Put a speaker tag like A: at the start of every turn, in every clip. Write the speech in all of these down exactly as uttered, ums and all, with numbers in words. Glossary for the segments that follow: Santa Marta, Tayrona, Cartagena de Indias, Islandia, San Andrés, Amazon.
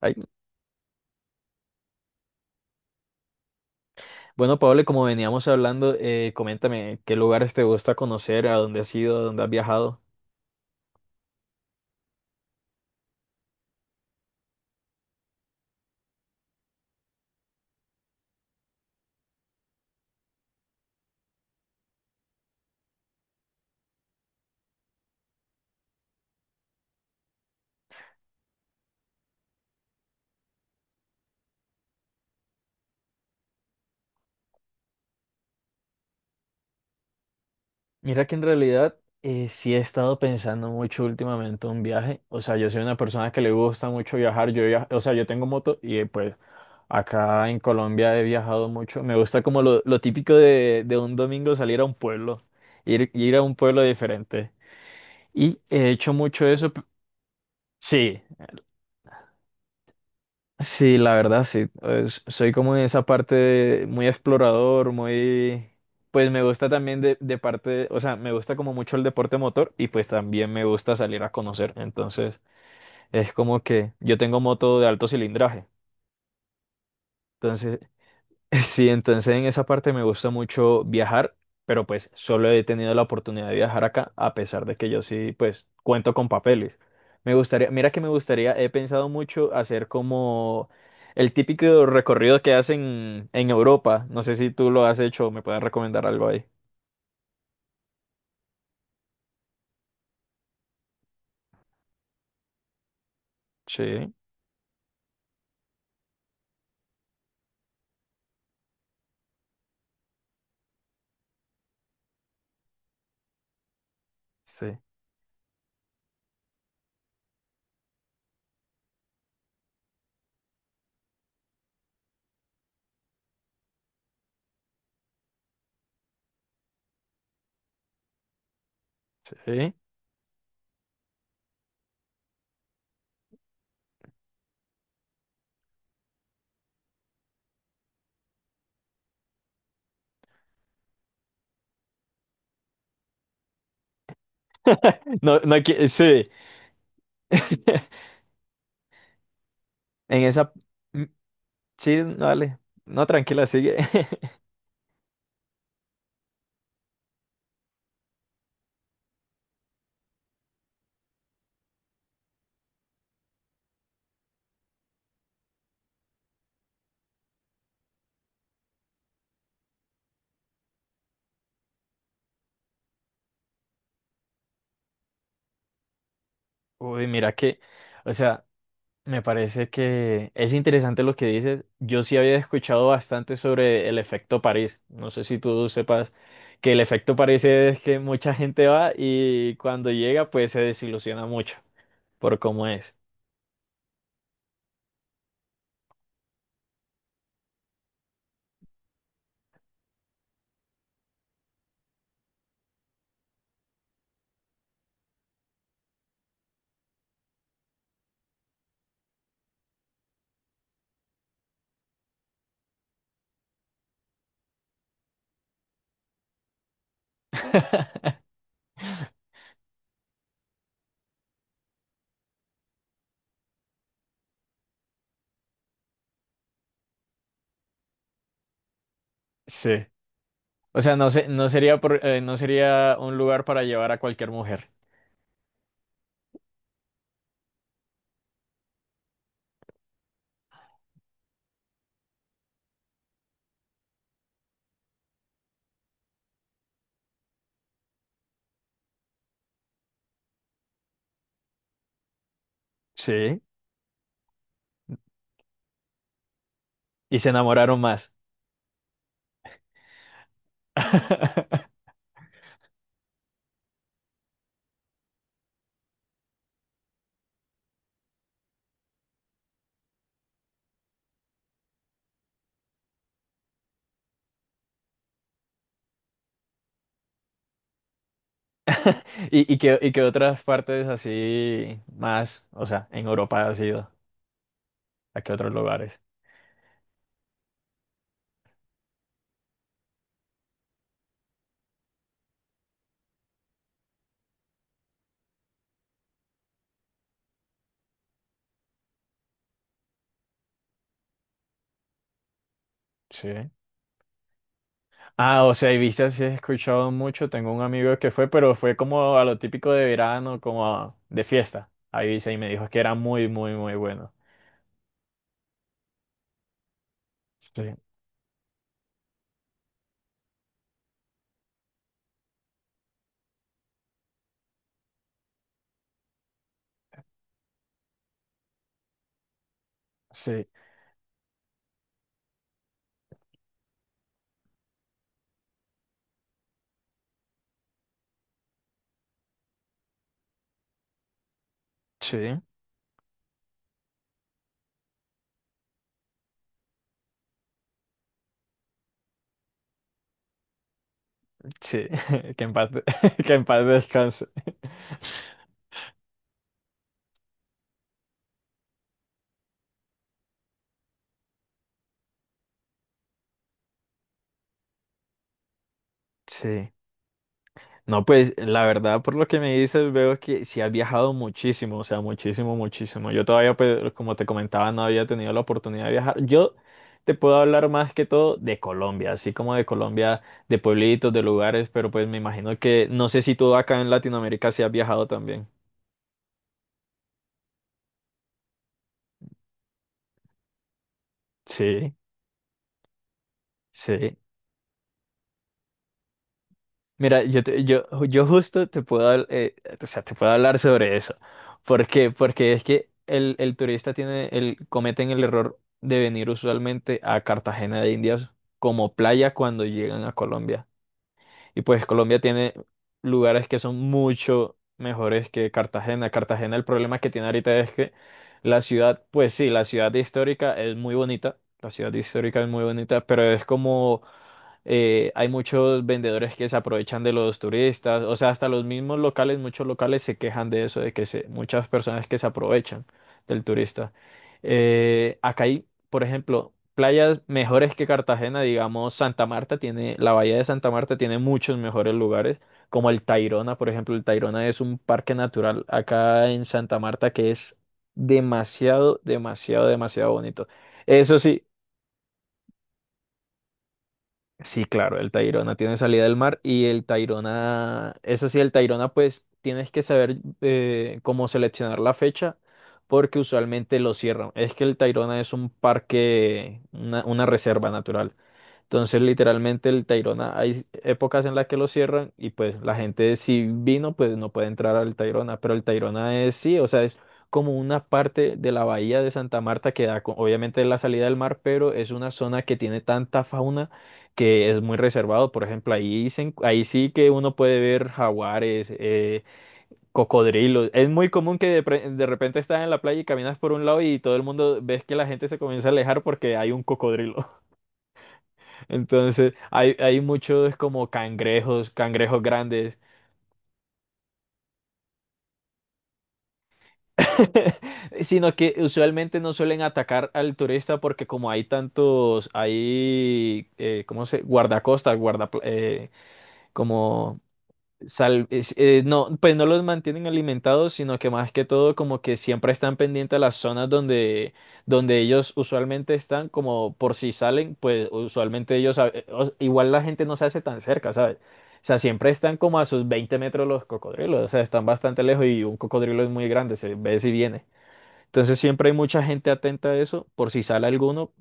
A: Ay, bueno, Pablo, como veníamos hablando, eh, coméntame qué lugares te gusta conocer, a dónde has ido, a dónde has viajado. Mira que en realidad eh, sí he estado pensando mucho últimamente en un viaje. O sea, yo soy una persona que le gusta mucho viajar. Yo via- o sea, yo tengo moto y eh, pues acá en Colombia he viajado mucho. Me gusta como lo, lo típico de, de un domingo salir a un pueblo, ir, ir a un pueblo diferente. Y he hecho mucho eso. p- Sí. Sí, la verdad, sí. Es- soy como en esa parte de- muy explorador, muy... Pues me gusta también de, de parte, o sea, me gusta como mucho el deporte motor y pues también me gusta salir a conocer. Entonces, es como que yo tengo moto de alto cilindraje. Entonces, sí, entonces en esa parte me gusta mucho viajar, pero pues solo he tenido la oportunidad de viajar acá, a pesar de que yo sí, pues cuento con papeles. Me gustaría, mira que me gustaría, he pensado mucho hacer como el típico recorrido que hacen en Europa. No sé si tú lo has hecho o me puedes recomendar algo ahí. Sí, sí, sí. No, no, qui- sí. En esa, mm, sí, dale. No, tranquila, sigue. Uy, mira que, o sea. Me parece que es interesante lo que dices. Yo sí había escuchado bastante sobre el efecto París. No sé si tú sepas que el efecto París es que mucha gente va y cuando llega pues se desilusiona mucho por cómo es. Sí. O sea, no se- no sería por- eh, no sería un lugar para llevar a cualquier mujer. Sí. Y se enamoraron más. ¿Y, y qué, y qué otras partes así más, o sea, en Europa ha sido? ¿A qué otros lugares? Sí. Ah, o sea, Ibiza sí he escuchado mucho. Tengo un amigo que fue, pero fue como a lo típico de verano, como a- de fiesta a Ibiza y me dijo que era muy, muy, muy bueno. Sí, sí, sí, sí. Que en paz, de- que en paz descanse. Sí. No, pues la verdad, por lo que me dices, veo que sí has viajado muchísimo, o sea, muchísimo, muchísimo. Yo todavía, pues, como te comentaba, no había tenido la oportunidad de viajar. Yo te puedo hablar más que todo de Colombia, así como de Colombia, de pueblitos, de lugares, pero pues me imagino que no sé si tú acá en Latinoamérica sí has viajado también. Sí, sí. Mira, yo, te- yo, yo justo te puedo, habl- eh, o sea, te puedo hablar sobre eso. ¿Por qué? Porque es que el, el turista tiene el, cometen el error de venir usualmente a Cartagena de Indias como playa cuando llegan a Colombia. Y pues Colombia tiene lugares que son mucho mejores que Cartagena. Cartagena, el problema que tiene ahorita es que la ciudad, pues sí, la ciudad histórica es muy bonita. La ciudad histórica es muy bonita, pero es como eh, hay muchos vendedores que se aprovechan de los turistas, o sea, hasta los mismos locales, muchos locales se quejan de eso, de que se, muchas personas que se aprovechan del turista. Eh, acá hay, por ejemplo, playas mejores que Cartagena, digamos, Santa Marta tiene, la bahía de Santa Marta tiene muchos mejores lugares, como el Tayrona, por ejemplo, el Tayrona es un parque natural acá en Santa Marta que es demasiado, demasiado, demasiado bonito. Eso sí. Sí, claro, el Tayrona tiene salida del mar y el Tayrona, eso sí, el Tayrona pues tienes que saber eh, cómo seleccionar la fecha porque usualmente lo cierran. Es que el Tayrona es un parque, una, una reserva natural. Entonces, literalmente el Tayrona, hay épocas en las que lo cierran y pues la gente si vino, pues no puede entrar al Tayrona, pero el Tayrona es sí, o sea, es como una parte de la bahía de Santa Marta que da co- obviamente la salida del mar, pero es una zona que tiene tanta fauna que es muy reservado. Por ejemplo, ahí, se en- ahí sí que uno puede ver jaguares, eh, cocodrilos. Es muy común que de, pre- de repente estás en la playa y caminas por un lado y todo el mundo ves que la gente se comienza a alejar porque hay un cocodrilo. Entonces, hay, hay muchos como cangrejos, cangrejos grandes, sino que usualmente no suelen atacar al turista porque como hay tantos, hay, eh, ¿cómo se? Guardacostas, guarda, eh, como sal- es- eh, no, pues no los mantienen alimentados, sino que más que todo como que siempre están pendientes a las zonas donde, donde ellos usualmente están, como por si salen, pues usualmente ellos, a- eh, o- igual la gente no se hace tan cerca, ¿sabes? O sea, siempre están como a sus veinte metros los cocodrilos, o sea, están bastante lejos y un cocodrilo es muy grande, se ve si viene. Entonces siempre hay mucha gente atenta a eso, por si sale alguno,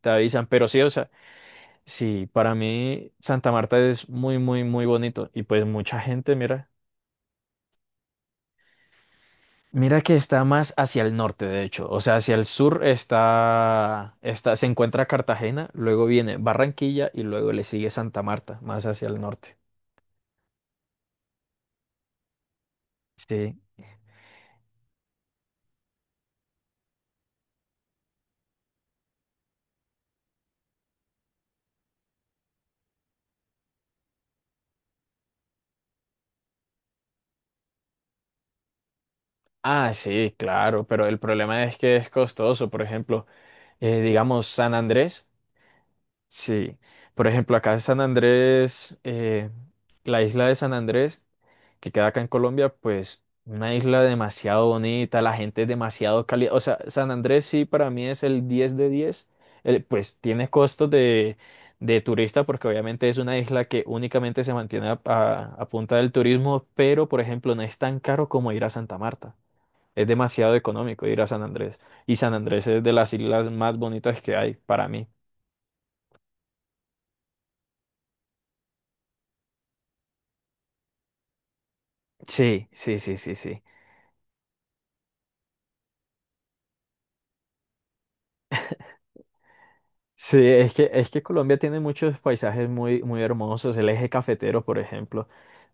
A: te avisan, pero sí, o sea, sí, para mí Santa Marta es muy, muy, muy bonito y pues mucha gente, mira. Mira que está más hacia el norte, de hecho. O sea, hacia el sur está, está, se encuentra Cartagena, luego viene Barranquilla y luego le sigue Santa Marta, más hacia el norte. Sí. Ah, sí, claro, pero el problema es que es costoso. Por ejemplo, eh, digamos San Andrés. Sí. Por ejemplo, acá en San Andrés, eh, la isla de San Andrés que queda acá en Colombia, pues una isla demasiado bonita, la gente es demasiado cálida. O sea, San Andrés sí para mí es el diez de diez. El- pues tiene costos de, de turista porque obviamente es una isla que únicamente se mantiene a, a- a punta del turismo, pero por ejemplo no es tan caro como ir a Santa Marta. Es demasiado económico ir a San Andrés. Y San Andrés es de las islas más bonitas que hay para mí. Sí, sí, sí, sí, sí. Sí, es que, es que Colombia tiene muchos paisajes muy, muy hermosos. El eje cafetero, por ejemplo.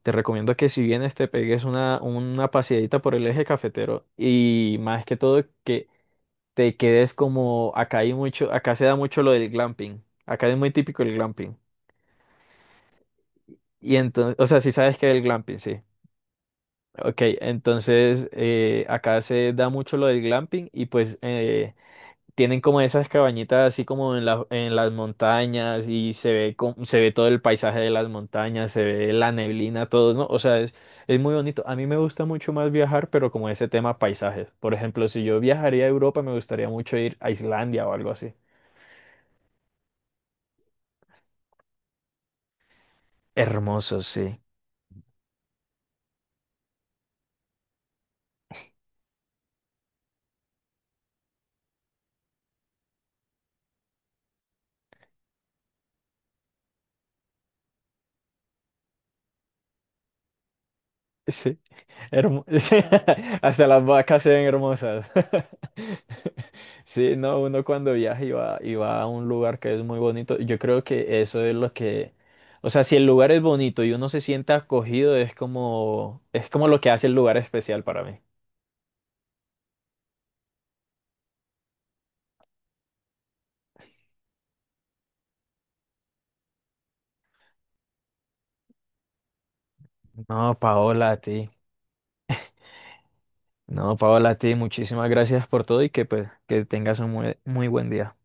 A: Te recomiendo que si vienes te pegues una, una paseadita por el eje cafetero y más que todo que te quedes como acá hay mucho, acá se da mucho lo del glamping. Acá es muy típico el glamping. Y entonces, o sea, si sabes que es el glamping, sí. Ok, entonces eh, acá se da mucho lo del glamping y pues eh, tienen como esas cabañitas así como en la- en las montañas y se ve, co- se ve todo el paisaje de las montañas, se ve la neblina, todo, ¿no? O sea, es, es muy bonito. A mí me gusta mucho más viajar, pero como ese tema paisajes. Por ejemplo, si yo viajaría a Europa, me gustaría mucho ir a Islandia o algo así. Hermoso, sí. Sí. Hermo- sí, hasta las vacas se ven hermosas. Sí, no, uno cuando viaja y va, y va a un lugar que es muy bonito, yo creo que eso es lo que, o sea, si el lugar es bonito y uno se siente acogido, es como, es como lo que hace el lugar especial para mí. No, Paola, a ti. No, Paola, a ti, muchísimas gracias por todo y que pues que tengas un muy, muy buen día.